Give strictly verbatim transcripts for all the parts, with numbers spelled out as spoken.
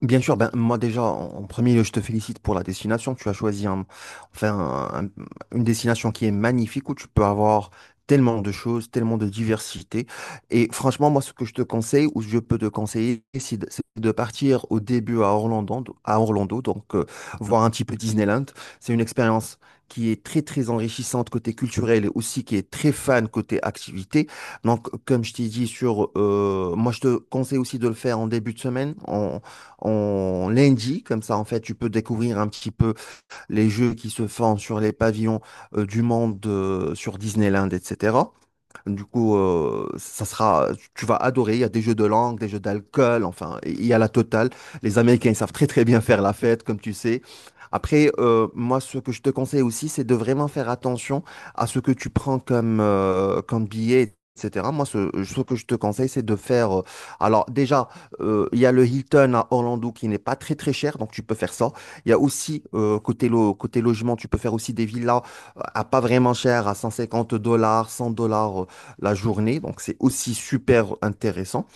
Bien sûr, ben, moi déjà, en en premier lieu, je te félicite pour la destination. Tu as choisi un- enfin, un- un- une destination qui est magnifique où tu peux avoir tellement de choses, tellement de diversité. Et franchement, moi, ce que je te conseille, ou je peux te conseiller, c'est de, c'est de partir au début à Orlando, à Orlando, donc euh, voir un petit peu Disneyland. C'est une expérience qui est très, très enrichissante côté culturel et aussi qui est très fan côté activité. Donc, comme je t'ai dit sur, euh, moi, je te conseille aussi de le faire en début de semaine en lundi, comme ça en fait tu peux découvrir un petit peu les jeux qui se font sur les pavillons euh, du monde euh, sur Disneyland, et cetera. Du coup, euh, ça sera, tu vas adorer. Il y a des jeux de langue, des jeux d'alcool, enfin, il y a la totale. Les Américains, ils savent très très bien faire la fête, comme tu sais. Après, euh, moi, ce que je te conseille aussi, c'est de vraiment faire attention à ce que tu prends comme, euh, comme billet, et cetera. Moi, ce, ce que je te conseille, c'est de faire. Euh, alors, déjà, euh, il y a le Hilton à Orlando qui n'est pas très très cher, donc tu peux faire ça. Il y a aussi, euh, côté, lo- côté logement, tu peux faire aussi des villas euh, à pas vraiment cher, à cent cinquante dollars, cent dollars la journée, donc c'est aussi super intéressant.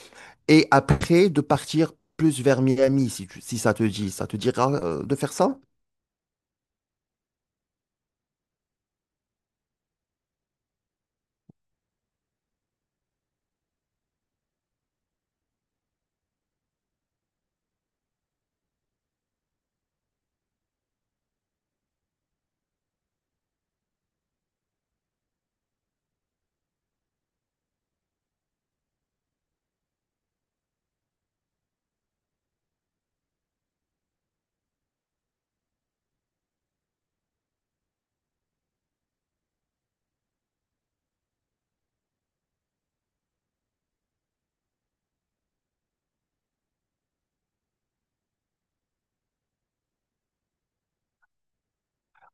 Et après, de partir plus vers Miami, si, tu- si ça te dit. Ça te dira euh, de faire ça?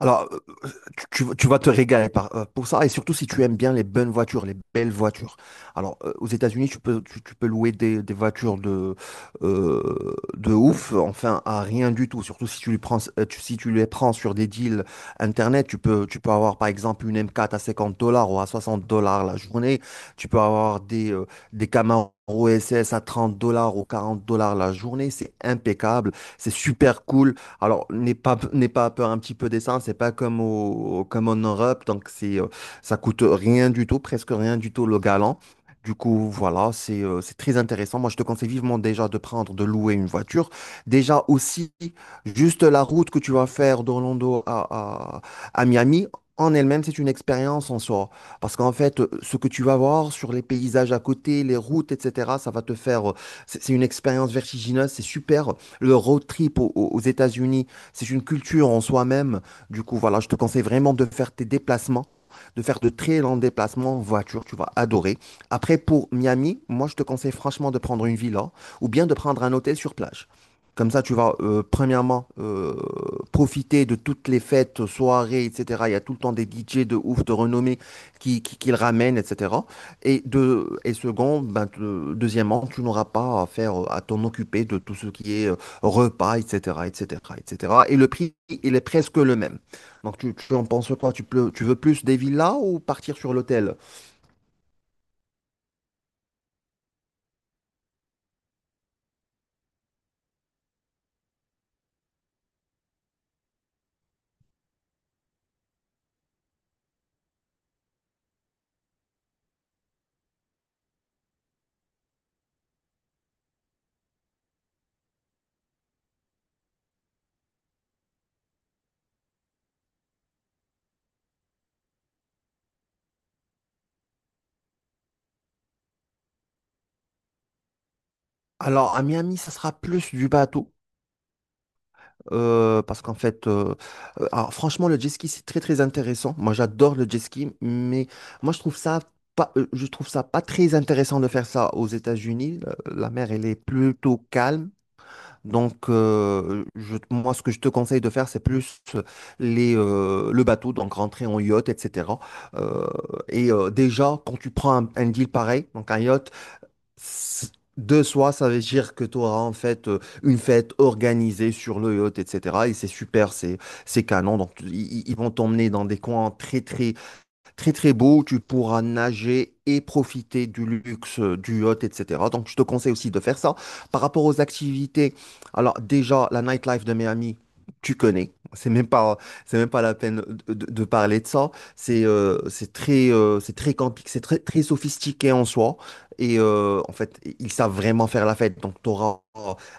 Alors, euh, tu, tu vas tu vas te régaler par- euh, pour ça, et surtout si tu aimes bien les bonnes voitures, les belles voitures. Alors, euh, aux États-Unis, tu peux, tu, tu peux louer des, des voitures de, euh, de ouf, enfin, à rien du tout. Surtout si tu les prends, euh, tu- si tu les prends sur des deals internet, tu peux, tu peux avoir par exemple une M quatre à cinquante dollars ou à soixante dollars la journée. Tu peux avoir des, euh, des Camaro S S à trente dollars ou quarante dollars la journée. C'est impeccable, c'est super cool. Alors, n'aie pas, n'aie pas peur un petit peu des c'est pas comme, au, comme en Europe, donc c'est, euh, ça coûte rien du tout, presque rien du tout le galant. Du coup, voilà, c'est euh, c'est très intéressant. Moi, je te conseille vivement déjà de prendre, de louer une voiture. Déjà aussi, juste la route que tu vas faire d'Orlando à, à, à Miami, en elle-même, c'est une expérience en soi. Parce qu'en fait, euh, ce que tu vas voir sur les paysages à côté, les routes, et cetera, ça va te faire. euh, C'est c'est une expérience vertigineuse, c'est super le road trip au- aux États-Unis, c'est une culture en soi-même. Du coup, voilà, je te conseille vraiment de faire tes déplacements, de faire de très longs déplacements en voiture, tu vas adorer. Après, pour Miami, moi, je te conseille franchement de prendre une villa ou bien de prendre un hôtel sur plage. Comme ça, tu vas, euh, premièrement, euh, profiter de toutes les fêtes, soirées, et cetera. Il y a tout le temps des D J de ouf, de renommée qui, qui, qui le ramènent, et cetera. Et, de, et second, ben, te- deuxièmement, tu n'auras pas à faire, euh, à t'en occuper de tout ce qui est repas, et cetera, et cetera, et cetera. Et cetera. Et le prix, il est presque le même. Donc, tu, tu en penses quoi? Tu, peux- tu veux plus des villas ou partir sur l'hôtel? Alors, à Miami, ça sera plus du bateau, euh, parce qu'en fait, euh, euh, alors, franchement, le jet ski, c'est très, très intéressant. Moi, j'adore le jet ski, mais moi, je trouve ça pas, euh, je trouve ça pas très intéressant de faire ça aux États-Unis. Euh, La mer, elle est plutôt calme. Donc, euh, je- moi, ce que je te conseille de faire, c'est plus euh, les, euh, le bateau, donc rentrer en yacht, et cetera. Euh, et euh, déjà, quand tu prends un, un deal pareil, donc un yacht, c- de soi, ça veut dire que tu auras en fait euh, une fête organisée sur le yacht, et cetera. Et c'est super, c'est c'est canon. Donc, tu- ils ils vont t'emmener dans des coins très, très très très beau, tu pourras nager et profiter du luxe euh, du yacht, et cetera. Donc je te conseille aussi de faire ça. Par rapport aux activités, alors déjà la nightlife de Miami, tu connais. C'est même pas, c'est même pas, la peine de, de- de parler de ça. C'est euh, c'est très, euh, c'est très camping, c'est très, très sophistiqué en soi. Et euh, en fait, ils savent vraiment faire la fête. Donc tu auras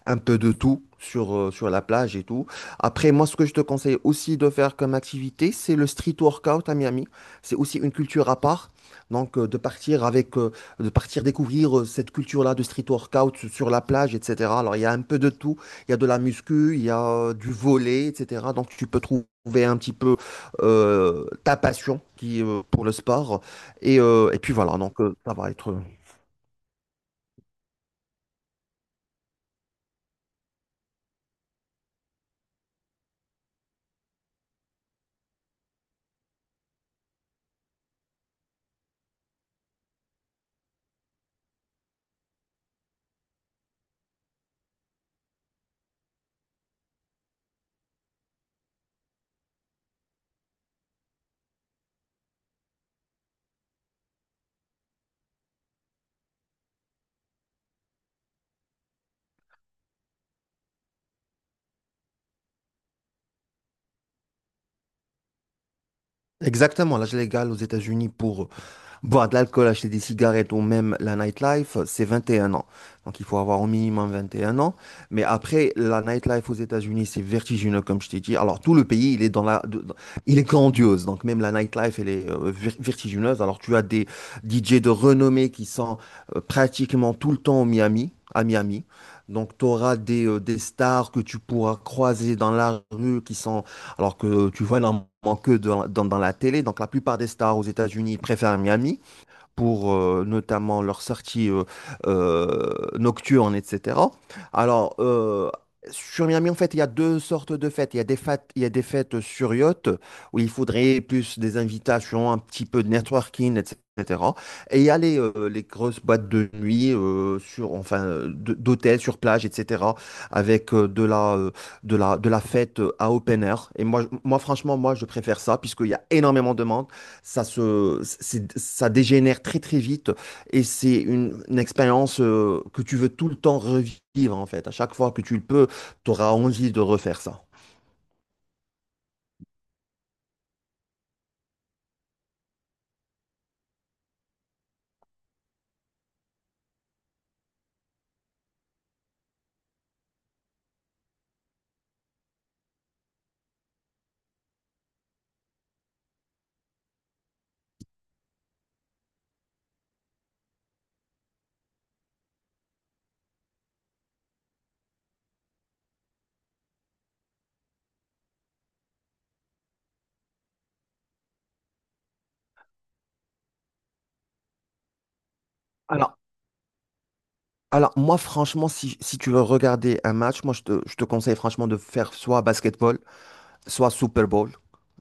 un peu de tout sur, euh, sur la plage et tout. Après, moi, ce que je te conseille aussi de faire comme activité, c'est le street workout à Miami. C'est aussi une culture à part. Donc, euh, de partir avec, euh, de partir découvrir euh, cette culture-là de street workout su- sur la plage, et cetera. Alors, il y a un peu de tout. Il y a de la muscu, il y a euh, du volley, et cetera. Donc, tu peux trouver un petit peu euh, ta passion qui, euh, pour le sport. Et, euh, et puis voilà, donc euh, ça va être. euh, Exactement, l'âge légal aux États-Unis pour, boire de l'alcool, acheter des cigarettes ou même la nightlife, c'est vingt et un ans. Donc il faut avoir au minimum vingt et un ans. Mais après, la nightlife aux États-Unis, c'est vertigineux, comme je t'ai dit. Alors tout le pays, il est dans la, de- dans- il est grandiose. Donc même la nightlife, elle est euh, ver- vertigineuse. Alors tu as des D J de renommée qui sont euh, pratiquement tout le temps au Miami, à Miami. Donc tu auras des, euh, des stars que tu pourras croiser dans la rue qui sont alors que tu vois énormément que dans, dans, dans la télé. Donc la plupart des stars aux États-Unis préfèrent Miami pour euh, notamment leurs sorties euh, euh, nocturnes, et cetera. Alors, euh, sur Miami, en fait, il y a deux sortes de fêtes. Il y a des fêtes, il y a des fêtes sur yacht, où il faudrait plus des invitations, un petit peu de networking, et cetera. Et il y a les, euh, les grosses boîtes de nuit, euh, sur, enfin, euh, d- d'hôtels, sur plage, et cetera, avec euh, de la, euh, de la, de la fête euh, à open air. Et moi, je- moi, franchement, moi, je préfère ça, puisqu'il y a énormément de monde. Ça se, c'est- ça dégénère très très vite et c'est une, une expérience euh, que tu veux tout le temps revivre en fait. À chaque fois que tu le peux, tu auras envie de refaire ça. Alors, alors moi franchement, si, si tu veux regarder un match, moi je te, je te conseille franchement de faire soit basketball, soit Super Bowl,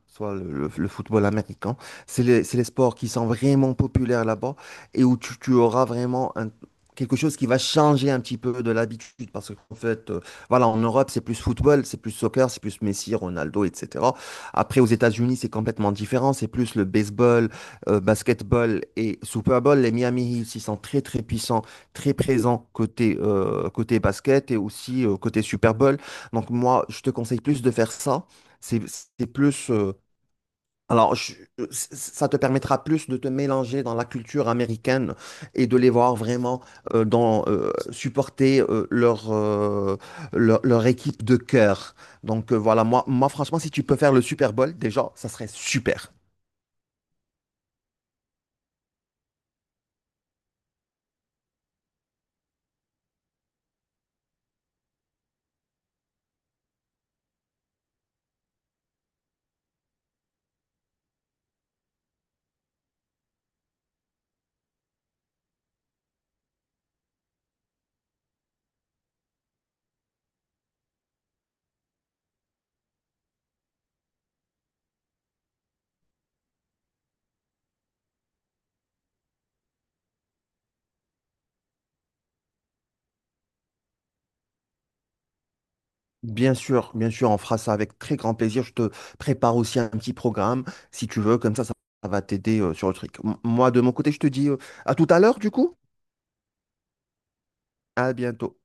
soit le, le- le football américain. C'est les, c'est les sports qui sont vraiment populaires là-bas et où tu, tu auras vraiment un- quelque chose qui va changer un petit peu de l'habitude. Parce qu'en fait, euh, voilà, en Europe, c'est plus football, c'est plus soccer, c'est plus Messi, Ronaldo, et cetera. Après, aux États-Unis, c'est complètement différent. C'est plus le baseball, euh, basketball et Super Bowl. Les Miami Heat, ils sont très, très puissants, très présents côté, euh, côté basket et aussi euh, côté Super Bowl. Donc moi, je te conseille plus de faire ça. C'est c'est plus. Euh, alors, je- je- ça te permettra plus de te mélanger dans la culture américaine et de les voir vraiment euh, dans, euh, supporter euh, leur, euh, leur, leur équipe de cœur. Donc euh, voilà, moi, moi franchement, si tu peux faire le Super Bowl, déjà, ça serait super. Bien sûr, bien sûr, on fera ça avec très grand plaisir. Je te prépare aussi un petit programme, si tu veux, comme ça, ça va t'aider euh, sur le truc. M- moi, de mon côté, je te dis euh, à tout à l'heure, du coup. À bientôt.